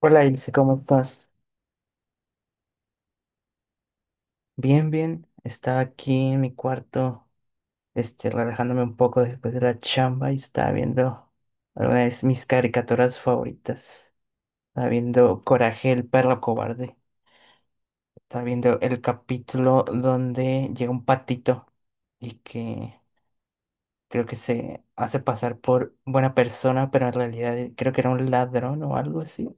Hola Ilse, ¿cómo estás? Bien, bien. Estaba aquí en mi cuarto, relajándome un poco después de la chamba y estaba viendo algunas de mis caricaturas favoritas. Estaba viendo Coraje, el perro cobarde. Estaba viendo el capítulo donde llega un patito y que creo que se hace pasar por buena persona, pero en realidad creo que era un ladrón o algo así.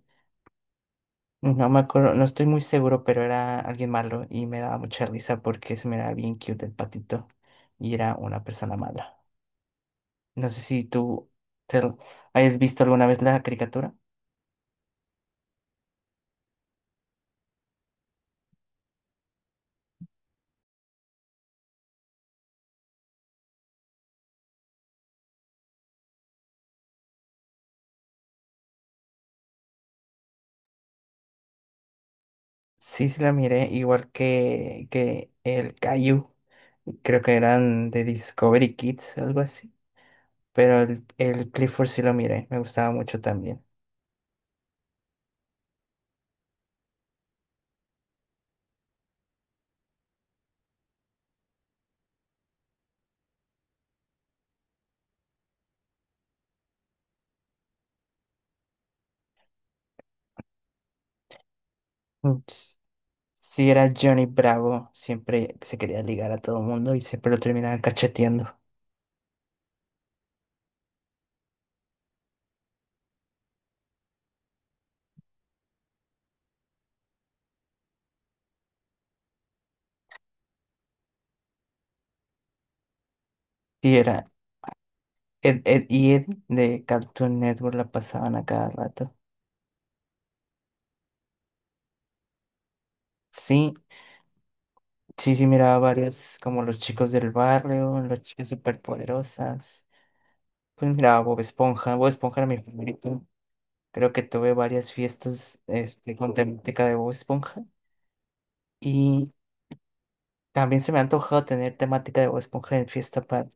No me acuerdo, no estoy muy seguro, pero era alguien malo y me daba mucha risa porque se me era bien cute el patito y era una persona mala. No sé si te, hayas visto alguna vez la caricatura. Sí, sí la miré, igual que el Caillou. Creo que eran de Discovery Kids, algo así. Pero el Clifford sí lo miré, me gustaba mucho también. Mm, s- Sí, era Johnny Bravo, siempre se quería ligar a todo el mundo y siempre lo terminaban cacheteando. Sí, era, Ed, Ed y Ed de Cartoon Network la pasaban a cada rato. Sí, sí, sí, miraba varias, como los chicos del barrio, las chicas superpoderosas. Pues miraba Bob Esponja, Bob Esponja era mi favorito. Creo que tuve varias fiestas con temática de Bob Esponja. Y también se me ha antojado tener temática de Bob Esponja en fiesta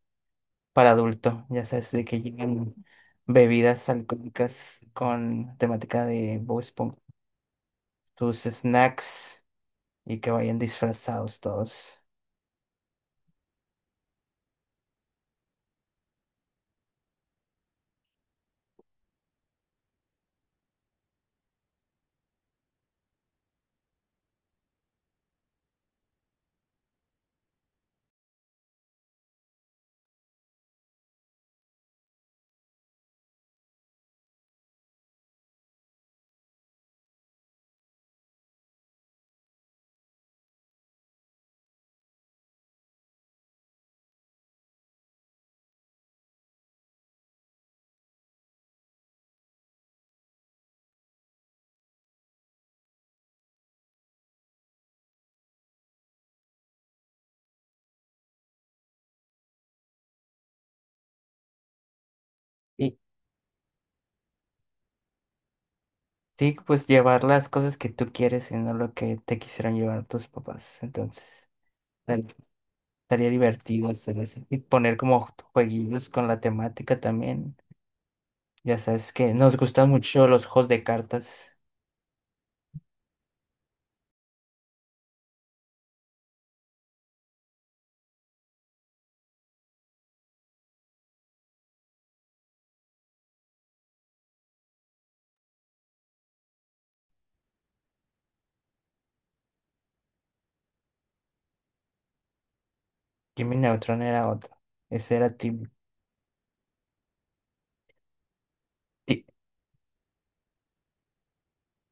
para adulto. Ya sabes, de que llegan bebidas alcohólicas con temática de Bob Esponja. Tus snacks, y que vayan disfrazados todos. Y sí, pues llevar las cosas que tú quieres y no lo que te quisieron llevar tus papás. Entonces, tal- estaría divertido hacer eso. Y poner como jueguitos con la temática también. Ya sabes que nos gustan mucho los juegos de cartas. Jimmy Neutron era otro. Ese era Tim. Y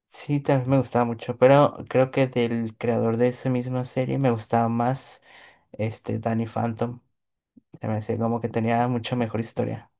Sí, también me gustaba mucho, pero creo que del creador de esa misma serie me gustaba más Danny Phantom. Se me hacía como que tenía mucha mejor historia.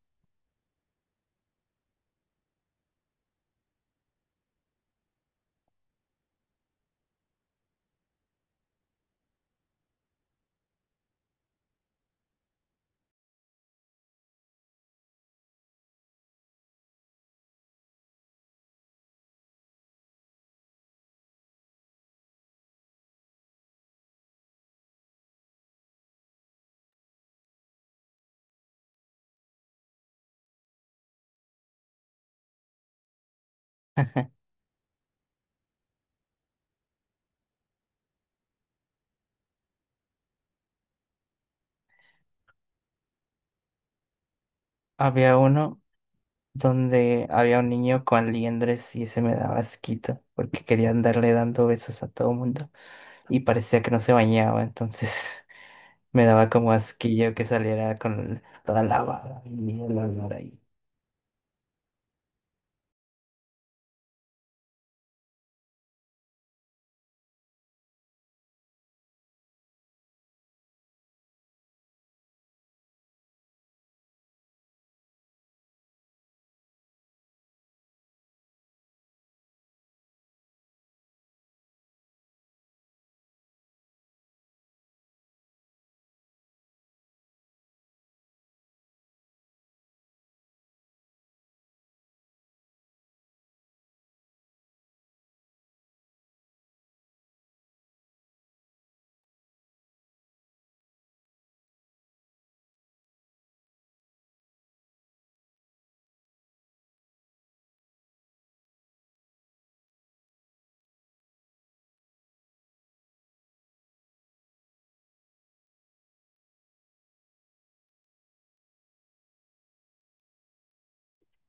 Había uno donde había un niño con liendres y ese me daba asquito porque quería andarle dando besos a todo mundo y parecía que no se bañaba, entonces me daba como asquillo que saliera con toda la baba y el olor ahí.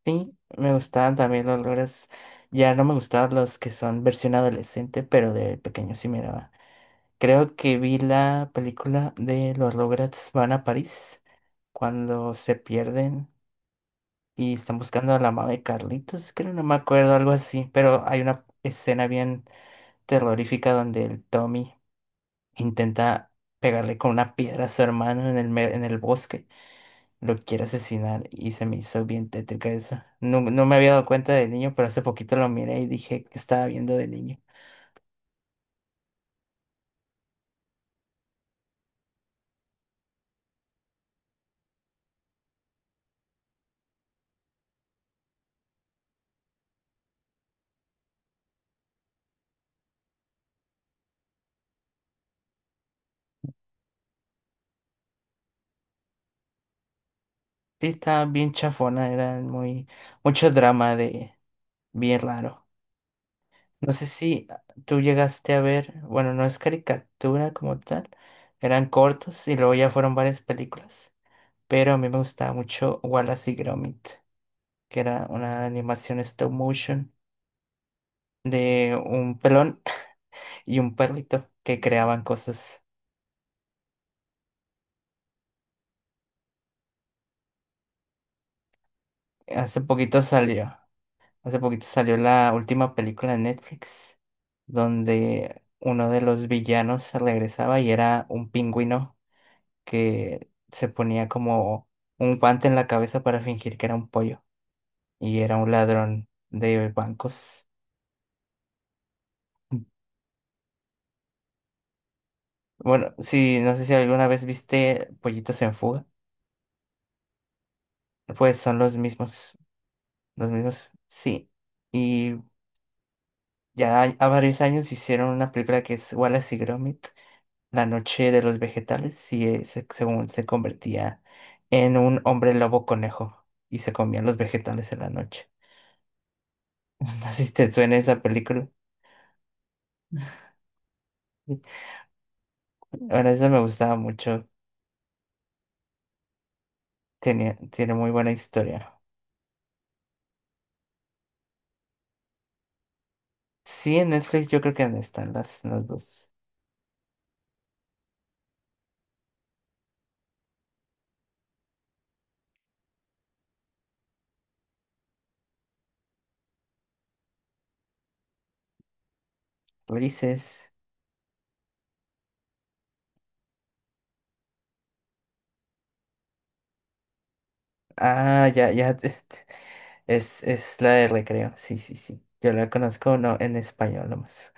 Sí, me gustaban también los olores, ya no me gustaban los que son versión adolescente, pero de pequeño sí me daba. Creo que vi la película de los Rugrats van a París cuando se pierden y están buscando a la mamá de Carlitos, creo, no me acuerdo, algo así, pero hay una escena bien terrorífica donde el Tommy intenta pegarle con una piedra a su hermano en en el bosque, lo quiere asesinar y se me hizo bien tétrica eso. No, no me había dado cuenta de niño, pero hace poquito lo miré y dije que estaba viendo de niño. Sí, estaba bien chafona, era mucho drama de bien raro. No sé si tú llegaste a ver, bueno, no es caricatura como tal, eran cortos y luego ya fueron varias películas, pero a mí me gustaba mucho Wallace y Gromit, que era una animación stop motion de un pelón y un perrito que creaban cosas. Hace poquito salió, Hace poquito salió la última película de Netflix, donde uno de los villanos regresaba y era un pingüino que se ponía como un guante en la cabeza para fingir que era un pollo y era un ladrón de bancos. Bueno, sí, no sé si alguna vez viste Pollitos en Fuga, pues son los mismos, Sí. Y ya a varios años hicieron una película que es Wallace y Gromit, La noche de los vegetales, y según se convertía en un hombre lobo conejo y se comían los vegetales en la noche. No sé si te suena esa película. Bueno, esa me gustaba mucho. Tiene muy buena historia. Sí, en Netflix yo creo que están las dos. Ulises. Ah, ya, ya. Es la de Recreo. Sí, sí, sí. Yo la conozco, no, en español nomás.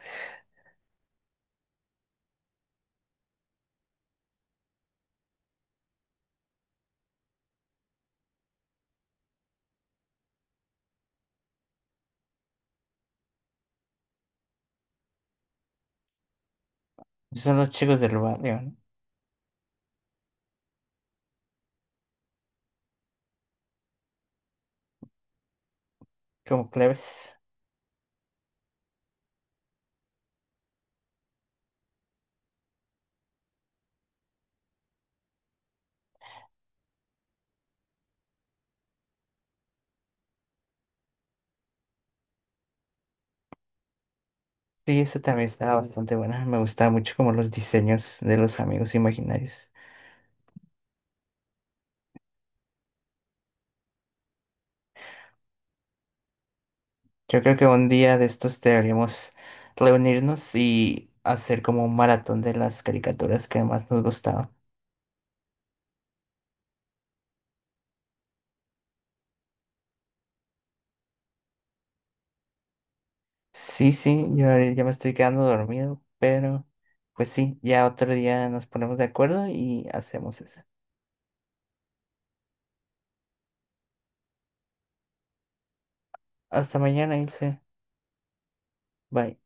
Son los chicos del barrio, ¿no? Como plebes. Sí, eso también estaba bastante buena. Me gustaba mucho como los diseños de los amigos imaginarios. Yo creo que un día de estos deberíamos reunirnos y hacer como un maratón de las caricaturas que más nos gustaban. Sí, sí, yo ahorita ya me estoy quedando dormido, pero pues sí, ya otro día nos ponemos de acuerdo y hacemos eso. Hasta mañana, Ilse. Bye.